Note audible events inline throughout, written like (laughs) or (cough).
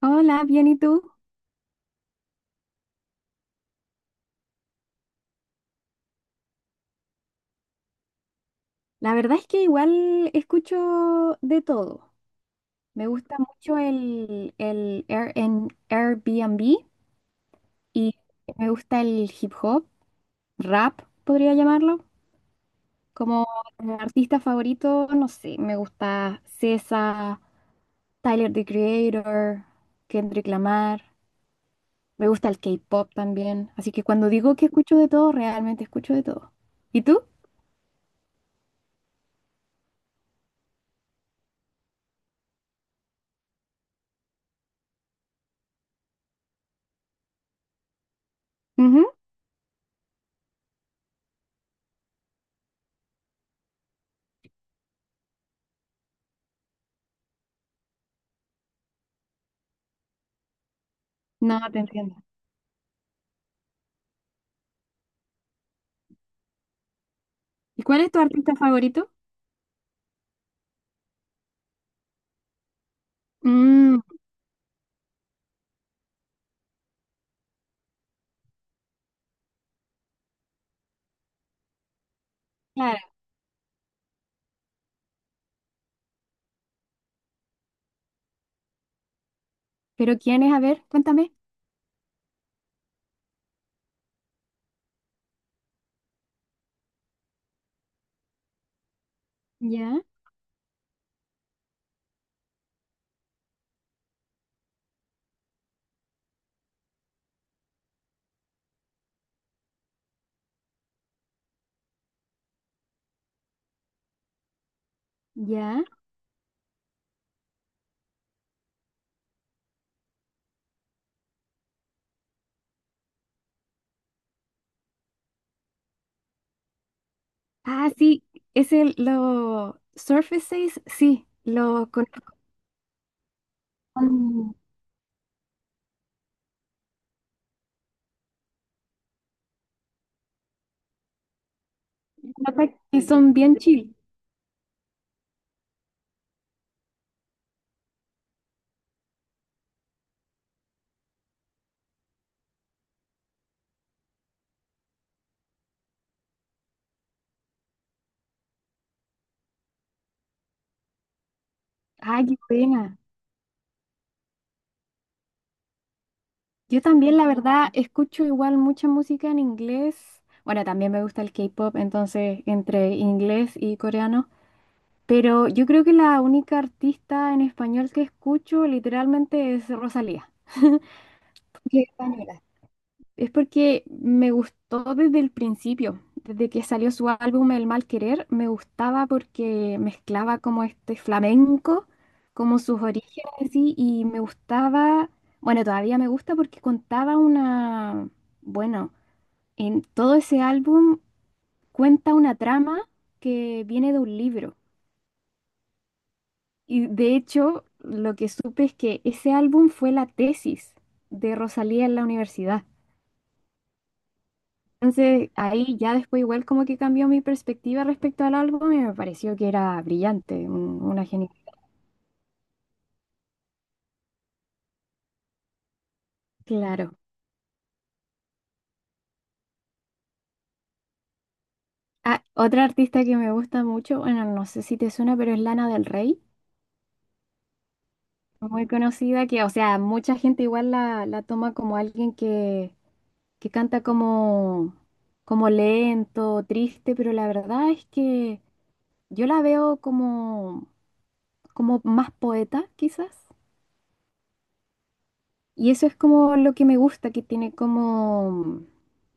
Hola, bien, ¿y tú? La verdad es que igual escucho de todo. Me gusta mucho en Airbnb y me gusta el hip hop, rap, podría llamarlo. Como artista favorito, no sé, me gusta SZA, Tyler, the Creator, Kendrick Lamar. Me gusta el K-pop también. Así que cuando digo que escucho de todo, realmente escucho de todo. ¿Y tú? Ujú. No, te entiendo. ¿Y cuál es tu artista favorito? Claro. ¿Pero quién es? A ver, cuéntame. Ya, ya. Ah, sí, es lo Surfaces, sí, lo conozco. Son notas que son bien chill. Ay, qué pena. Yo también, la verdad, escucho igual mucha música en inglés. Bueno, también me gusta el K-pop, entonces entre inglés y coreano. Pero yo creo que la única artista en español que escucho literalmente es Rosalía, porque es española. Es porque me gustó desde el principio, desde que salió su álbum El Mal Querer. Me gustaba porque mezclaba como este flamenco, como sus orígenes así, y me gustaba, bueno, todavía me gusta porque contaba una, bueno, en todo ese álbum cuenta una trama que viene de un libro. Y de hecho, lo que supe es que ese álbum fue la tesis de Rosalía en la universidad. Entonces, ahí ya después igual como que cambió mi perspectiva respecto al álbum y me pareció que era brillante, una genial. Claro. Ah, otra artista que me gusta mucho, bueno, no sé si te suena, pero es Lana del Rey, muy conocida, que, o sea, mucha gente igual la toma como alguien que canta como, como lento, triste, pero la verdad es que yo la veo como, como más poeta, quizás. Y eso es como lo que me gusta, que tiene como,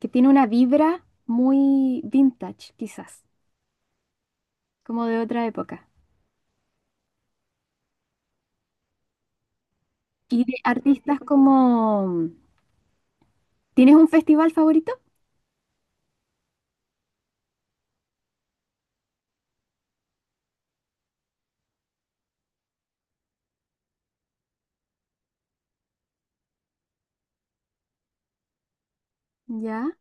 que tiene una vibra muy vintage, quizás, como de otra época. Y de artistas como, ¿tienes un festival favorito? Ya.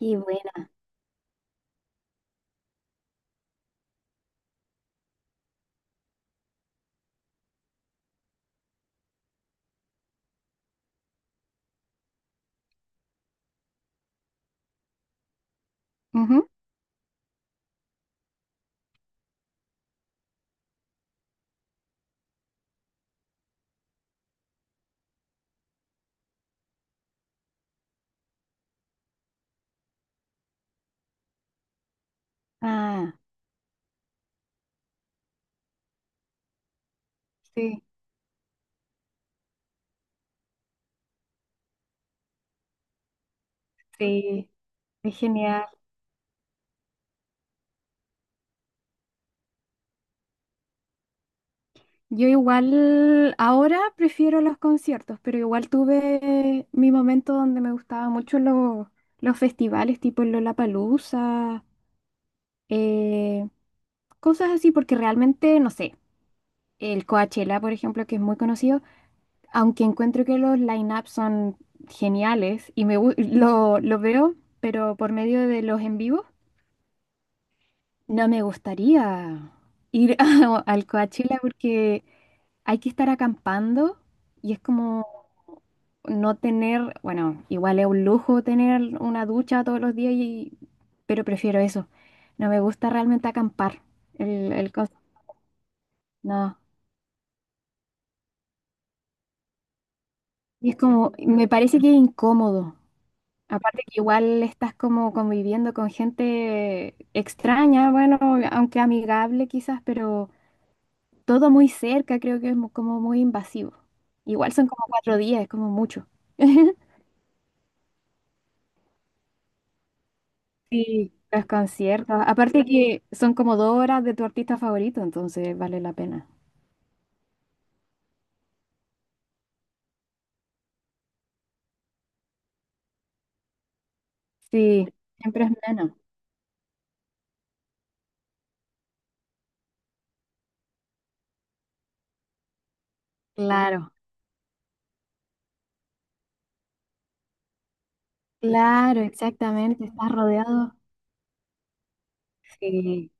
Y buena. Ujú. Ah, sí, sí, es genial. Yo igual ahora prefiero los conciertos, pero igual tuve mi momento donde me gustaban mucho los festivales tipo el Lollapalooza. eh, Cosas así, porque realmente, no sé, el Coachella, por ejemplo, que es muy conocido, aunque encuentro que los line-ups son geniales y lo veo, pero por medio de los en vivo, no me gustaría ir (laughs) al Coachella porque hay que estar acampando y es como no tener, bueno, igual es un lujo tener una ducha todos los días, y, pero prefiero eso. No me gusta realmente acampar el coso. No. Y es como, me parece que es incómodo. Aparte que igual estás como conviviendo con gente extraña, bueno, aunque amigable quizás, pero todo muy cerca, creo que es como muy invasivo. Igual son como cuatro días, es como mucho. (laughs) Sí, los conciertos. Aparte que son como dos horas de tu artista favorito, entonces vale la pena. Sí, siempre es menos. Claro, claro, exactamente. Estás rodeado. Sí,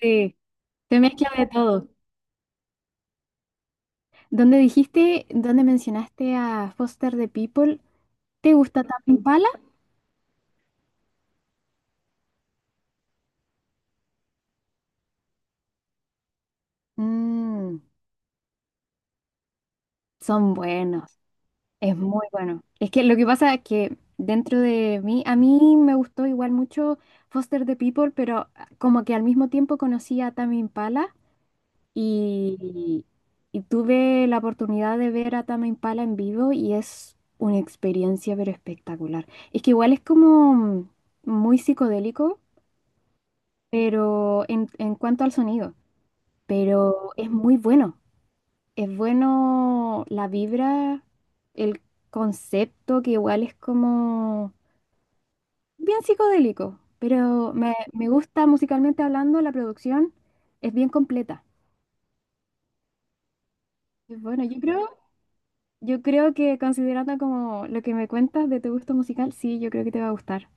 sí. Se mezcla de todo. Donde dijiste, donde mencionaste a Foster the People, ¿te gusta Tame Impala? Mm, son buenos, es muy bueno. Es que lo que pasa es que dentro de mí, a mí me gustó igual mucho Foster the People, pero como que al mismo tiempo conocí a Tame Impala y, y tuve la oportunidad de ver a Tame Impala en vivo y es una experiencia pero espectacular. Es que igual es como muy psicodélico, pero en cuanto al sonido, pero es muy bueno. Es bueno la vibra, el concepto, que igual es como bien psicodélico, pero me gusta musicalmente hablando, la producción es bien completa. Y bueno, yo creo que considerando como lo que me cuentas de tu gusto musical, sí, yo creo que te va a gustar.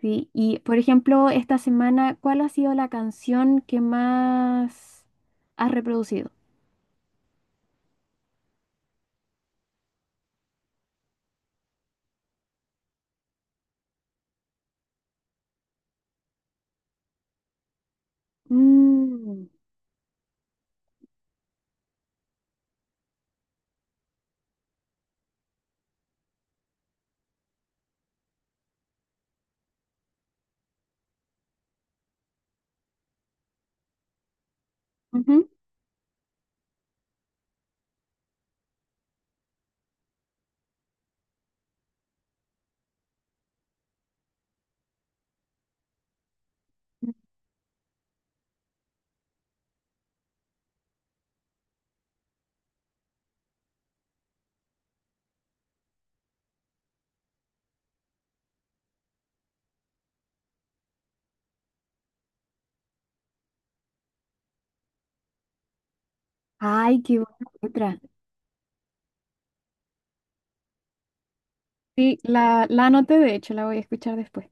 Sí, y por ejemplo, esta semana, ¿cuál ha sido la canción que más has reproducido? Mm, ujú. Ay, qué buena letra. Sí, la anoté, de hecho, la voy a escuchar después.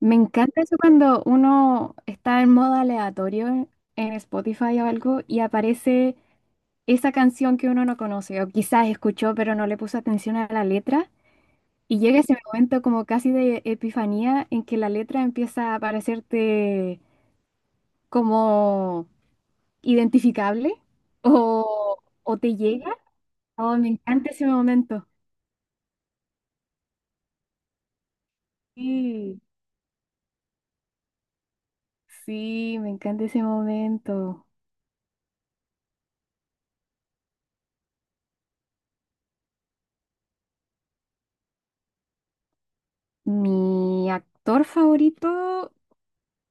Me encanta eso cuando uno está en modo aleatorio en Spotify o algo y aparece esa canción que uno no conoce o quizás escuchó pero no le puso atención a la letra y llega ese momento como casi de epifanía en que la letra empieza a parecerte como identificable o te llega. Oh, me encanta ese momento. Sí. Sí, me encanta ese momento. Mi actor favorito,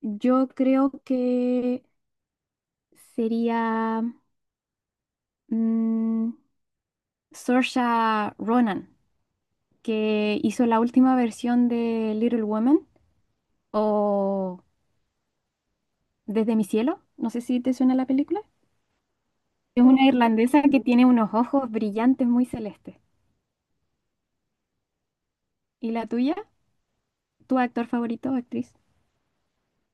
yo creo que sería mm, Saoirse Ronan, que hizo la última versión de Little Women o Desde mi cielo. No sé si te suena la película. Es una irlandesa que tiene unos ojos brillantes muy celestes. ¿Y la tuya? ¿Tu actor favorito, o actriz?